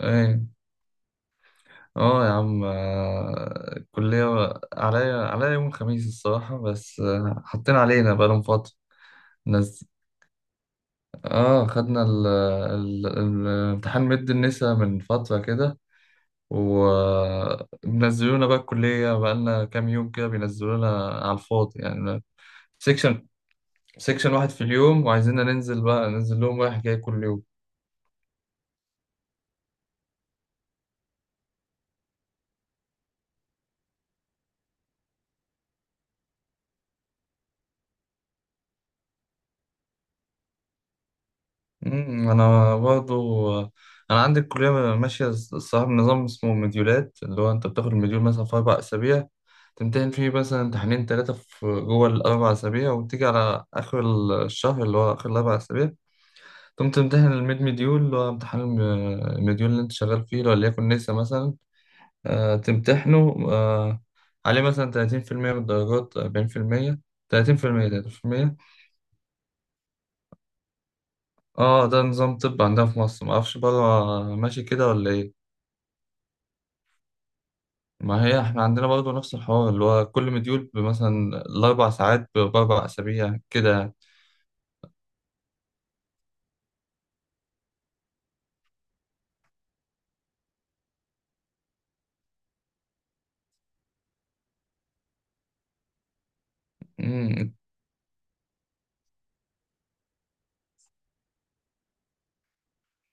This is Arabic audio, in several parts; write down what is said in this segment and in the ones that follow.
ايه. اه يا عم، الكلية عليا يوم الخميس الصراحة، بس حاطين علينا بقالهم فترة. نز... اه، خدنا امتحان مد النسا من فترة كده، وبنزلونا بقى الكلية بقالنا كام يوم كده بينزلونا على الفاضي يعني. سيكشن سيكشن واحد في اليوم، وعايزيننا ننزل بقى ننزل لهم رايح جاي كل يوم. انا برضو، انا عندي الكليه ماشيه الصراحه بنظام اسمه مديولات، اللي هو انت بتاخد المديول مثلا في 4 اسابيع، تمتحن فيه مثلا امتحانين ثلاثه في جوه ال 4 اسابيع، وتيجي على اخر الشهر اللي هو اخر ال 4 اسابيع تقوم تمتحن الميد مديول اللي هو امتحان المديول اللي انت شغال فيه، لو ليكن نسا مثلا. تمتحنه. عليه مثلا 30% من الدرجات، 40%، 30%، 30%. اه، ده نظام طب عندنا في مصر، معرفش بره ماشي كده ولا ايه. ما هي احنا عندنا برضه نفس الحوار، اللي هو كل مديول مثلا الأربع ساعات بأربع أسابيع كده. مم.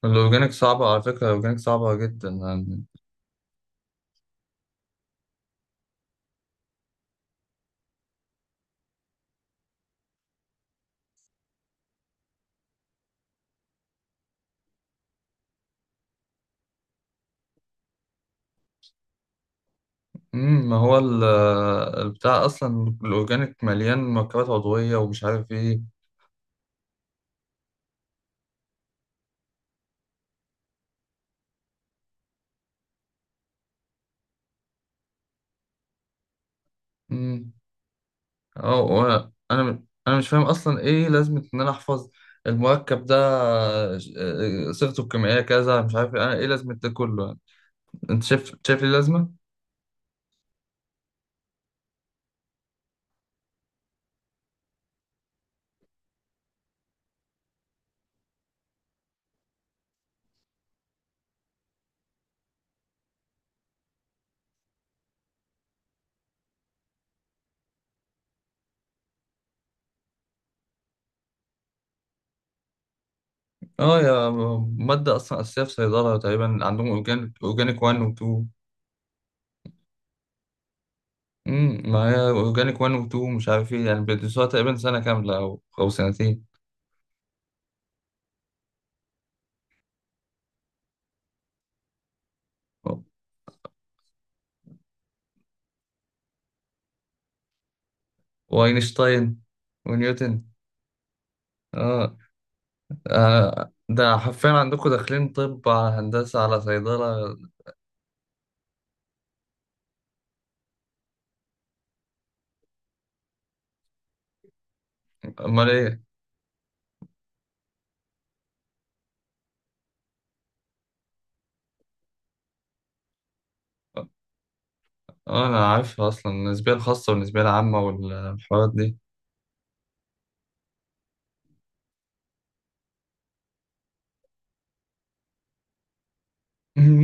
الأورجانيك صعبة على فكرة، الأورجانيك صعبة جدا يعني. مم. ما هو البتاع أصلا الأورجانيك مليان مركبات عضوية ومش عارف إيه. مم. اه، وأنا- أنا أنا مش فاهم أصلا إيه لازمة إن أنا أحفظ المركب ده، صيغته الكيميائية كذا مش عارف إيه. أنا إيه لازمة ده كله؟ أنت شايف ليه لازمة؟ اه يا مادة أصلا أساسية في صيدلة، تقريبا عندهم أورجانيك، أورجانيك 1 و 2. ما هي أورجانيك 1 و 2 مش عارف إيه يعني، بيدرسوها تقريبا سنة كاملة أو سنتين. وأينشتاين. ونيوتن. اه، ده حرفيا عندكم داخلين طب على هندسة على صيدلة. أمال إيه؟ اه، أنا عارفها أصلا، النسبية الخاصة والنسبية العامة والحوارات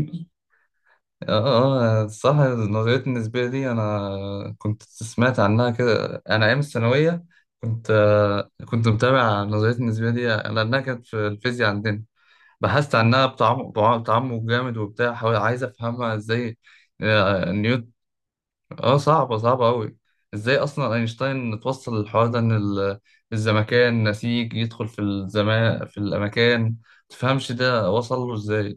دي. اه، اه، صح، النظرية النسبية دي أنا كنت سمعت عنها كده، أنا أيام الثانوية كنت متابع النظرية النسبية دي لأنها كانت في الفيزياء عندنا. بحثت عنها بتعمق، بتعمق جامد وبتاع، حاول عايز أفهمها إزاي. نيوتن. اه، صعبة صعبة أوي. إزاي أصلا أينشتاين توصل للحوار ده، إن الزمكان نسيج يدخل في الزمان في الأماكن. متفهمش ده وصل له إزاي.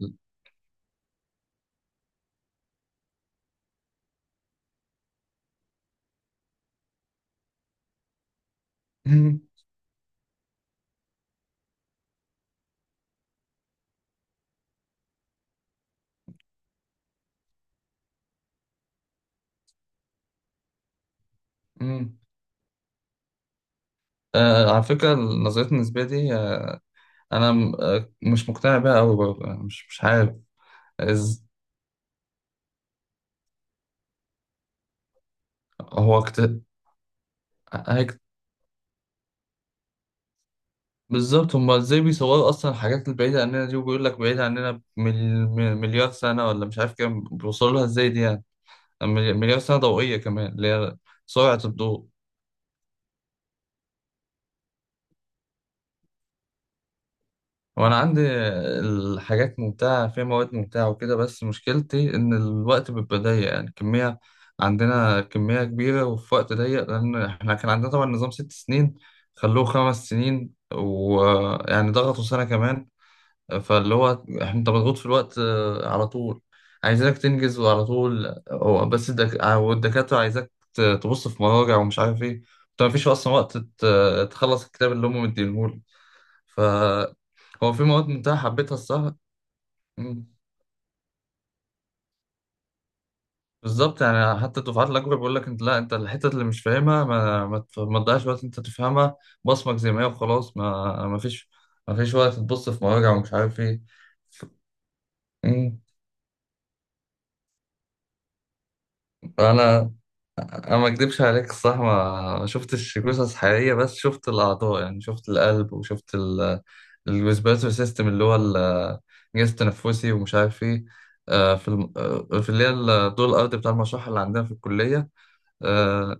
على فكرة نظرية النسبية دي، آه، أنا م- آه، مش مقتنع بيها أوي برضه، يعني مش عارف. إز هو كت... هيك بالظبط، هما إزاي بيصوروا أصلا الحاجات البعيدة عننا دي؟ وبيقول لك بعيدة عننا مليار سنة ولا مش عارف كام، بيوصلوا لها إزاي دي يعني؟ مليار سنة ضوئية كمان، اللي هي سرعة الضوء. وانا عندي الحاجات ممتعة، فيها مواد ممتعة وكده، بس مشكلتي ان الوقت بيبقى ضيق يعني. كمية عندنا كمية كبيرة وفي وقت ضيق، لان احنا كان عندنا طبعا نظام 6 سنين، خلوه 5 سنين، ويعني ضغطوا سنة كمان. فاللي هو احنا، انت مضغوط في الوقت على طول، عايزينك تنجز وعلى طول. هو بس الدك... آه، والدكاترة عايزاك تبص في مراجع ومش عارف ايه. انت مفيش اصلا وقت تخلص الكتاب اللي هم مديهولك. فهو في مواد منتهى حبيتها الصح. مم. بالظبط يعني، حتى الدفعات الأكبر بيقول لك أنت لا، أنت الحتة اللي مش فاهمها ما تضيعش وقت أنت تفهمها، بصمك زي ما هي وخلاص. ما فيش، ما فيش وقت تبص في مراجع ومش عارف إيه. ف- مم. أنا ما اكدبش عليك الصح، ما شفتش جثث حقيقيه، بس شفت الاعضاء يعني، شفت القلب وشفت الريسبيراتوري سيستم اللي هو الجهاز التنفسي ومش عارف ايه. في الم... آه، في اللي هي الدور الارضي بتاع المشرحه اللي عندنا في الكليه. آه،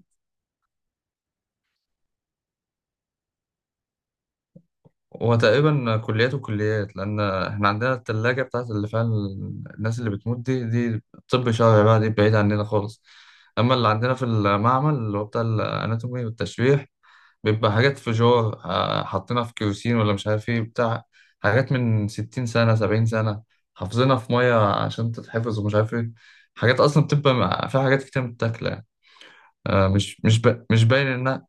هو تقريبا كليات وكليات، لان احنا عندنا الثلاجه بتاعت اللي فيها الناس اللي بتموت دي طب شرعي بقى، دي بعيد عننا خالص. اما اللي عندنا في المعمل اللي هو بتاع الاناتومي والتشريح، بيبقى حاجات فيجور، حاطينها في كيروسين ولا مش عارف ايه بتاع. حاجات من 60 سنة، 70 سنة، حافظينها في مية عشان تتحفظ ومش عارف ايه. حاجات أصلا بتبقى فيها حاجات كتير متاكلة يعني. مش باين إنها.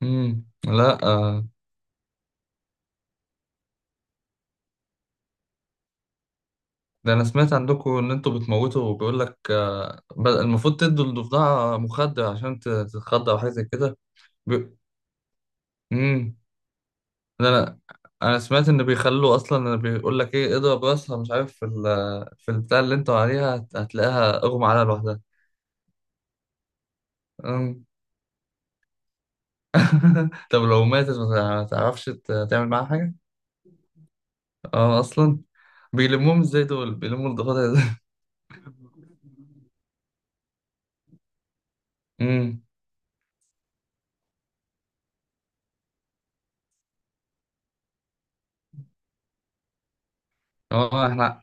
مم. لا، ده أنا سمعت عندكم إن أنتوا بتموتوا، وبيقول لك المفروض تدوا الضفدعة مخدر عشان تتخدر أو حاجة زي كده. بي... انا انا سمعت ان بيخلوا اصلا، بيقول لك ايه اضرب راسها، مش عارف في في البتاع اللي انتوا عليها هتلاقيها اغمى عليها لوحدها. أم. طب لو ماتت ما تعرفش تعمل معاها حاجه. اه، اصلا بيلموهم ازاي دول؟ بيلموا الضفادع ازاي؟ امم اه، احنا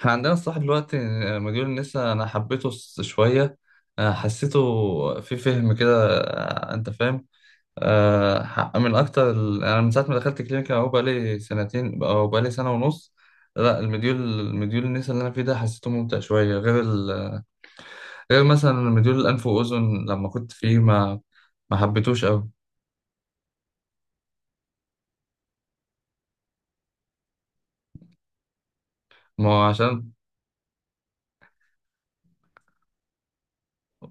احنا عندنا الصح دلوقتي. مديول النسا انا حبيته شويه، حسيته في فهم كده، انت فاهم. حق من اكتر انا من ساعه ما دخلت كلينيكا اهو، بقالي سنتين او بقالي سنه ونص. لا، المديول النسا اللي انا فيه ده حسيته ممتع شويه، غير غير مثلا مديول الانف واذن لما كنت فيه ما حبيتوش قوي. ما هو عشان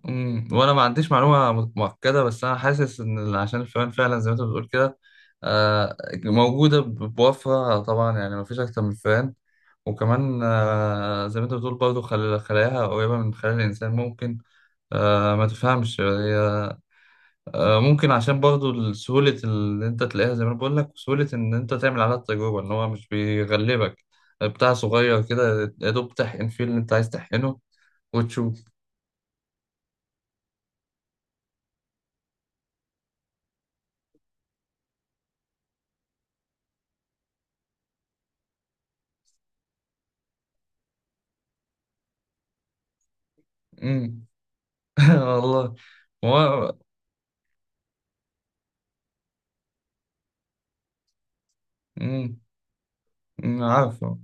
وانا ما عنديش معلومه مؤكده، بس انا حاسس ان عشان الفئران فعلا زي ما انت بتقول كده، آه، موجوده بوفرة طبعا يعني، ما فيش اكتر من الفئران. وكمان زي ما انت بتقول برضه، خلاياها قريبه من خلايا الانسان ممكن. ما تفهمش هي. ممكن عشان برضه سهوله اللي انت تلاقيها زي ما انا بقول لك، وسهوله ان انت تعمل عليها التجربه، ان هو مش بيغلبك. بتاع صغير كده يا دوب تحقن فيه اللي انت عايز تحقنه، وتشوف. مم. والله هو مم، عارفه،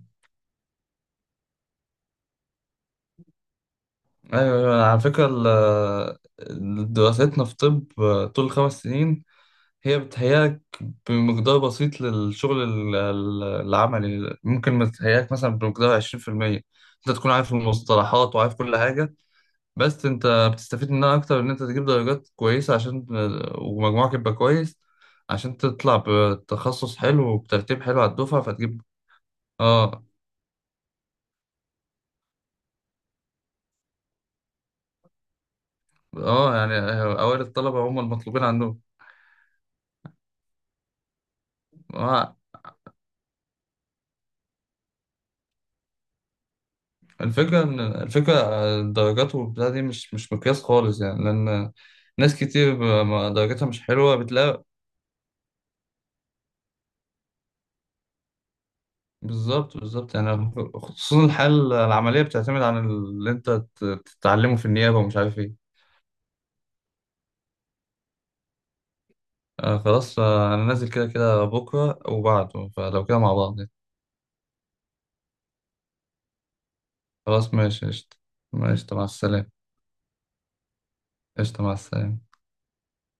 ايوه، أيوة. على فكره دراستنا في طب طول الخمس سنين هي بتهيأك بمقدار بسيط للشغل العملي، ممكن ما تهيأك مثلا بمقدار 20%. انت تكون عارف المصطلحات وعارف كل حاجه، بس انت بتستفيد منها اكتر ان انت تجيب درجات كويسه، عشان ومجموعك يبقى كويس، عشان تطلع بتخصص حلو وبترتيب حلو على الدفعه فتجيب. اه، اه يعني اوائل الطلبة هم المطلوبين عندهم. آه، الفكرة ان، الدرجات والبتاع دي مش مقياس خالص يعني، لان ناس كتير درجاتها مش حلوة بتلاقي. بالظبط بالظبط يعني، خصوصا الحالة العملية بتعتمد على اللي انت تتعلمه في النيابة ومش عارف ايه. خلاص، انا نازل كده كده بكرة وبعده، فلو كده مع بعض يعني. خلاص، ماشي، قشطة. ماشي، مع السلامة. قشطة، مع السلامة.